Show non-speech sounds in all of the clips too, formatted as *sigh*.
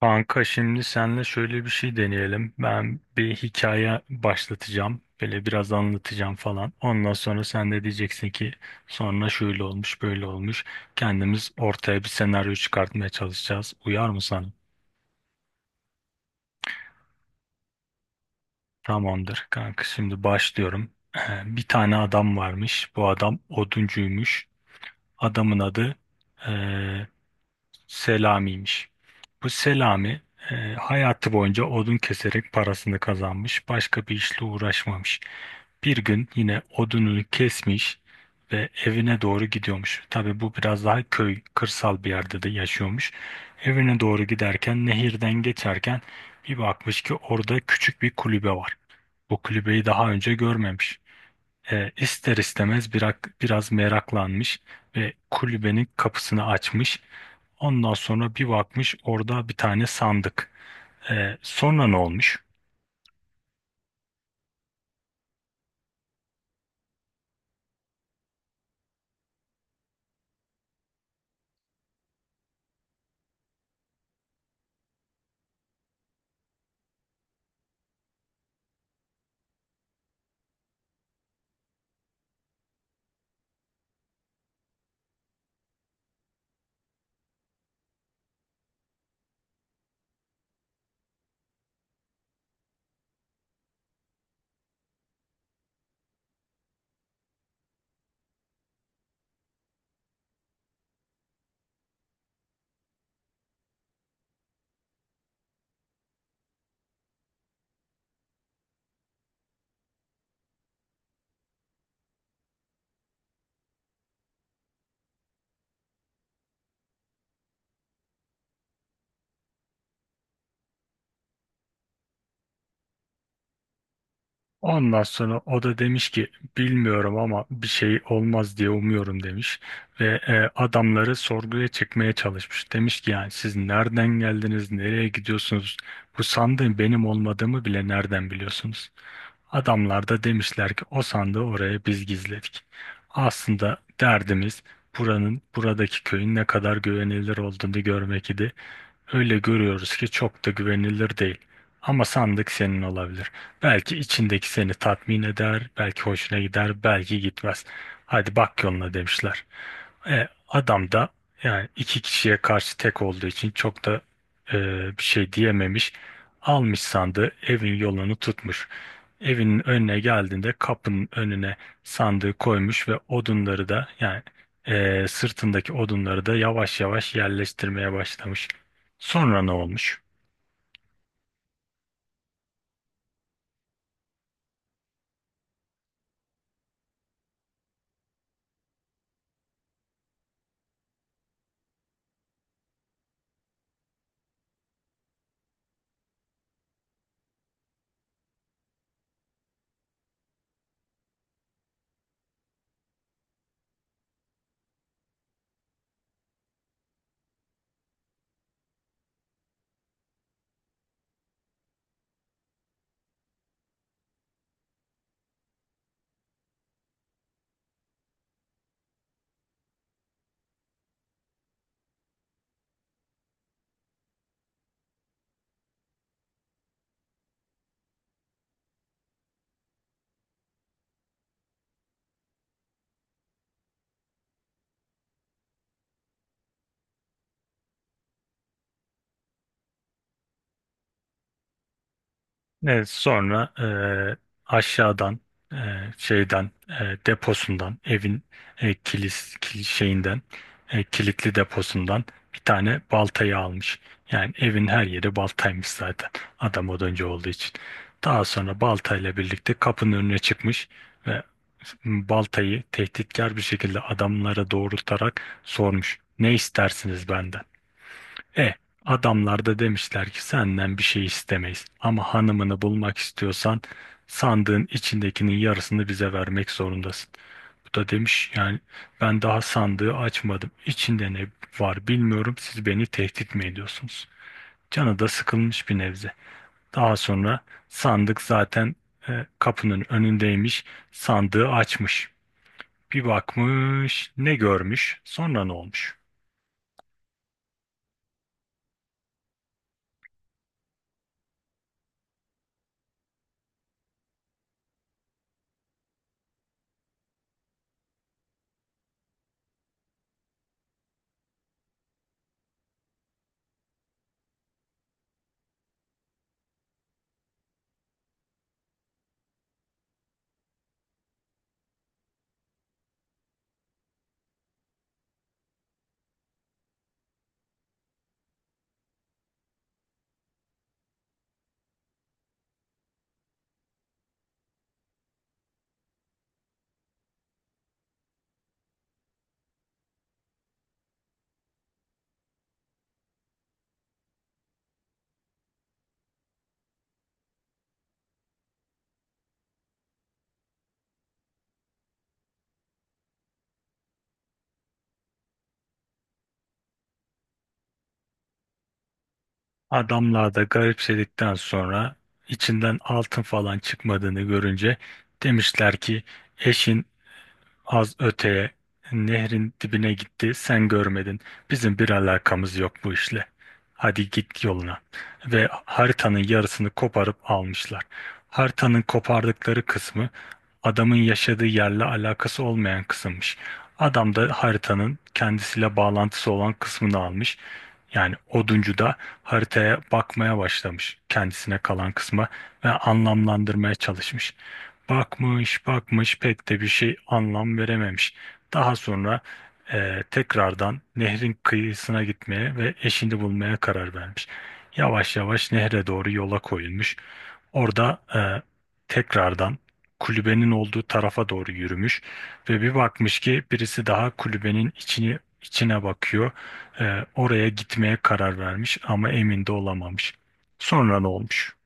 Kanka şimdi senle şöyle bir şey deneyelim. Ben bir hikaye başlatacağım. Böyle biraz anlatacağım falan. Ondan sonra sen de diyeceksin ki sonra şöyle olmuş, böyle olmuş. Kendimiz ortaya bir senaryo çıkartmaya çalışacağız. Uyar mı sana? Tamamdır kanka şimdi başlıyorum. Bir tane adam varmış. Bu adam oduncuymuş. Adamın adı Selami'ymiş. Bu Selami hayatı boyunca odun keserek parasını kazanmış, başka bir işle uğraşmamış. Bir gün yine odununu kesmiş ve evine doğru gidiyormuş. Tabii bu biraz daha köy, kırsal bir yerde de yaşıyormuş. Evine doğru giderken, nehirden geçerken bir bakmış ki orada küçük bir kulübe var. Bu kulübeyi daha önce görmemiş. İster istemez biraz meraklanmış ve kulübenin kapısını açmış. Ondan sonra bir bakmış orada bir tane sandık. Sonra ne olmuş? Ondan sonra o da demiş ki bilmiyorum ama bir şey olmaz diye umuyorum demiş. Ve adamları sorguya çekmeye çalışmış. Demiş ki yani siz nereden geldiniz, nereye gidiyorsunuz? Bu sandığın benim olmadığımı bile nereden biliyorsunuz? Adamlar da demişler ki o sandığı oraya biz gizledik. Aslında derdimiz buradaki köyün ne kadar güvenilir olduğunu görmek idi. Öyle görüyoruz ki çok da güvenilir değil. Ama sandık senin olabilir. Belki içindeki seni tatmin eder, belki hoşuna gider, belki gitmez. Hadi bak yoluna demişler. Adam da yani iki kişiye karşı tek olduğu için çok da e, bir şey diyememiş. Almış sandığı evin yolunu tutmuş. Evinin önüne geldiğinde kapının önüne sandığı koymuş ve odunları da yani sırtındaki odunları da yavaş yavaş yerleştirmeye başlamış. Sonra ne olmuş? Evet, sonra aşağıdan e, şeyden deposundan evin e, kilis kil- şeyinden e, kilitli deposundan bir tane baltayı almış. Yani evin her yeri baltaymış zaten. Adam oduncu olduğu için. Daha sonra baltayla birlikte kapının önüne çıkmış ve baltayı tehditkar bir şekilde adamlara doğrultarak sormuş. Ne istersiniz benden? E, adamlar da demişler ki senden bir şey istemeyiz. Ama hanımını bulmak istiyorsan sandığın içindekinin yarısını bize vermek zorundasın. Bu da demiş yani ben daha sandığı açmadım. İçinde ne var bilmiyorum. Siz beni tehdit mi ediyorsunuz? Canı da sıkılmış bir nebze. Daha sonra sandık zaten kapının önündeymiş. Sandığı açmış. Bir bakmış, ne görmüş, sonra ne olmuş? Adamlar da garipsedikten sonra içinden altın falan çıkmadığını görünce demişler ki eşin az öteye nehrin dibine gitti sen görmedin. Bizim bir alakamız yok bu işle. Hadi git yoluna. Ve haritanın yarısını koparıp almışlar. Haritanın kopardıkları kısmı adamın yaşadığı yerle alakası olmayan kısımmış. Adam da haritanın kendisiyle bağlantısı olan kısmını almış. Yani oduncu da haritaya bakmaya başlamış kendisine kalan kısma ve anlamlandırmaya çalışmış. Bakmış bakmış pek de bir şey anlam verememiş. Daha sonra tekrardan nehrin kıyısına gitmeye ve eşini bulmaya karar vermiş. Yavaş yavaş nehre doğru yola koyulmuş. Orada tekrardan kulübenin olduğu tarafa doğru yürümüş ve bir bakmış ki birisi daha kulübenin içine bakıyor. Oraya gitmeye karar vermiş ama emin de olamamış. Sonra ne olmuş?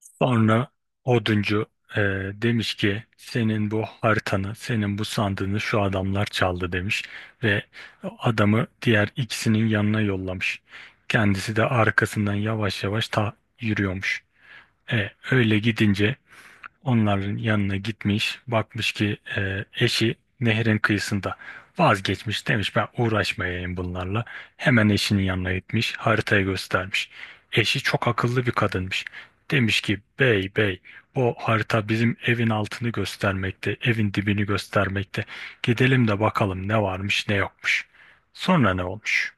Sonra oduncu e, demiş ki senin bu haritanı, senin bu sandığını şu adamlar çaldı demiş ve adamı diğer ikisinin yanına yollamış. Kendisi de arkasından yavaş yavaş ta yürüyormuş. Öyle gidince onların yanına gitmiş, bakmış ki eşi nehrin kıyısında vazgeçmiş demiş ben uğraşmayayım bunlarla. Hemen eşinin yanına gitmiş, haritayı göstermiş. Eşi çok akıllı bir kadınmış. Demiş ki bey, o harita bizim evin altını göstermekte, evin dibini göstermekte. Gidelim de bakalım ne varmış ne yokmuş. Sonra ne olmuş?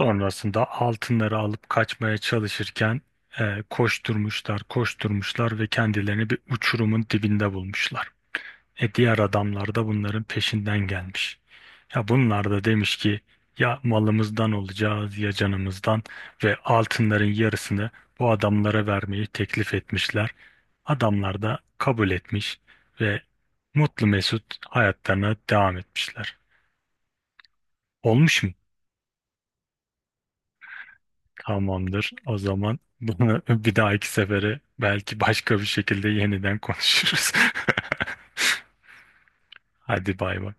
Sonrasında altınları alıp kaçmaya çalışırken koşturmuşlar ve kendilerini bir uçurumun dibinde bulmuşlar. E diğer adamlar da bunların peşinden gelmiş. Ya bunlar da demiş ki ya malımızdan olacağız ya canımızdan ve altınların yarısını bu adamlara vermeyi teklif etmişler. Adamlar da kabul etmiş ve mutlu mesut hayatlarına devam etmişler. Olmuş mu? Tamamdır. O zaman bunu *laughs* bir dahaki sefere belki başka bir şekilde yeniden konuşuruz. *laughs* Hadi bay bay.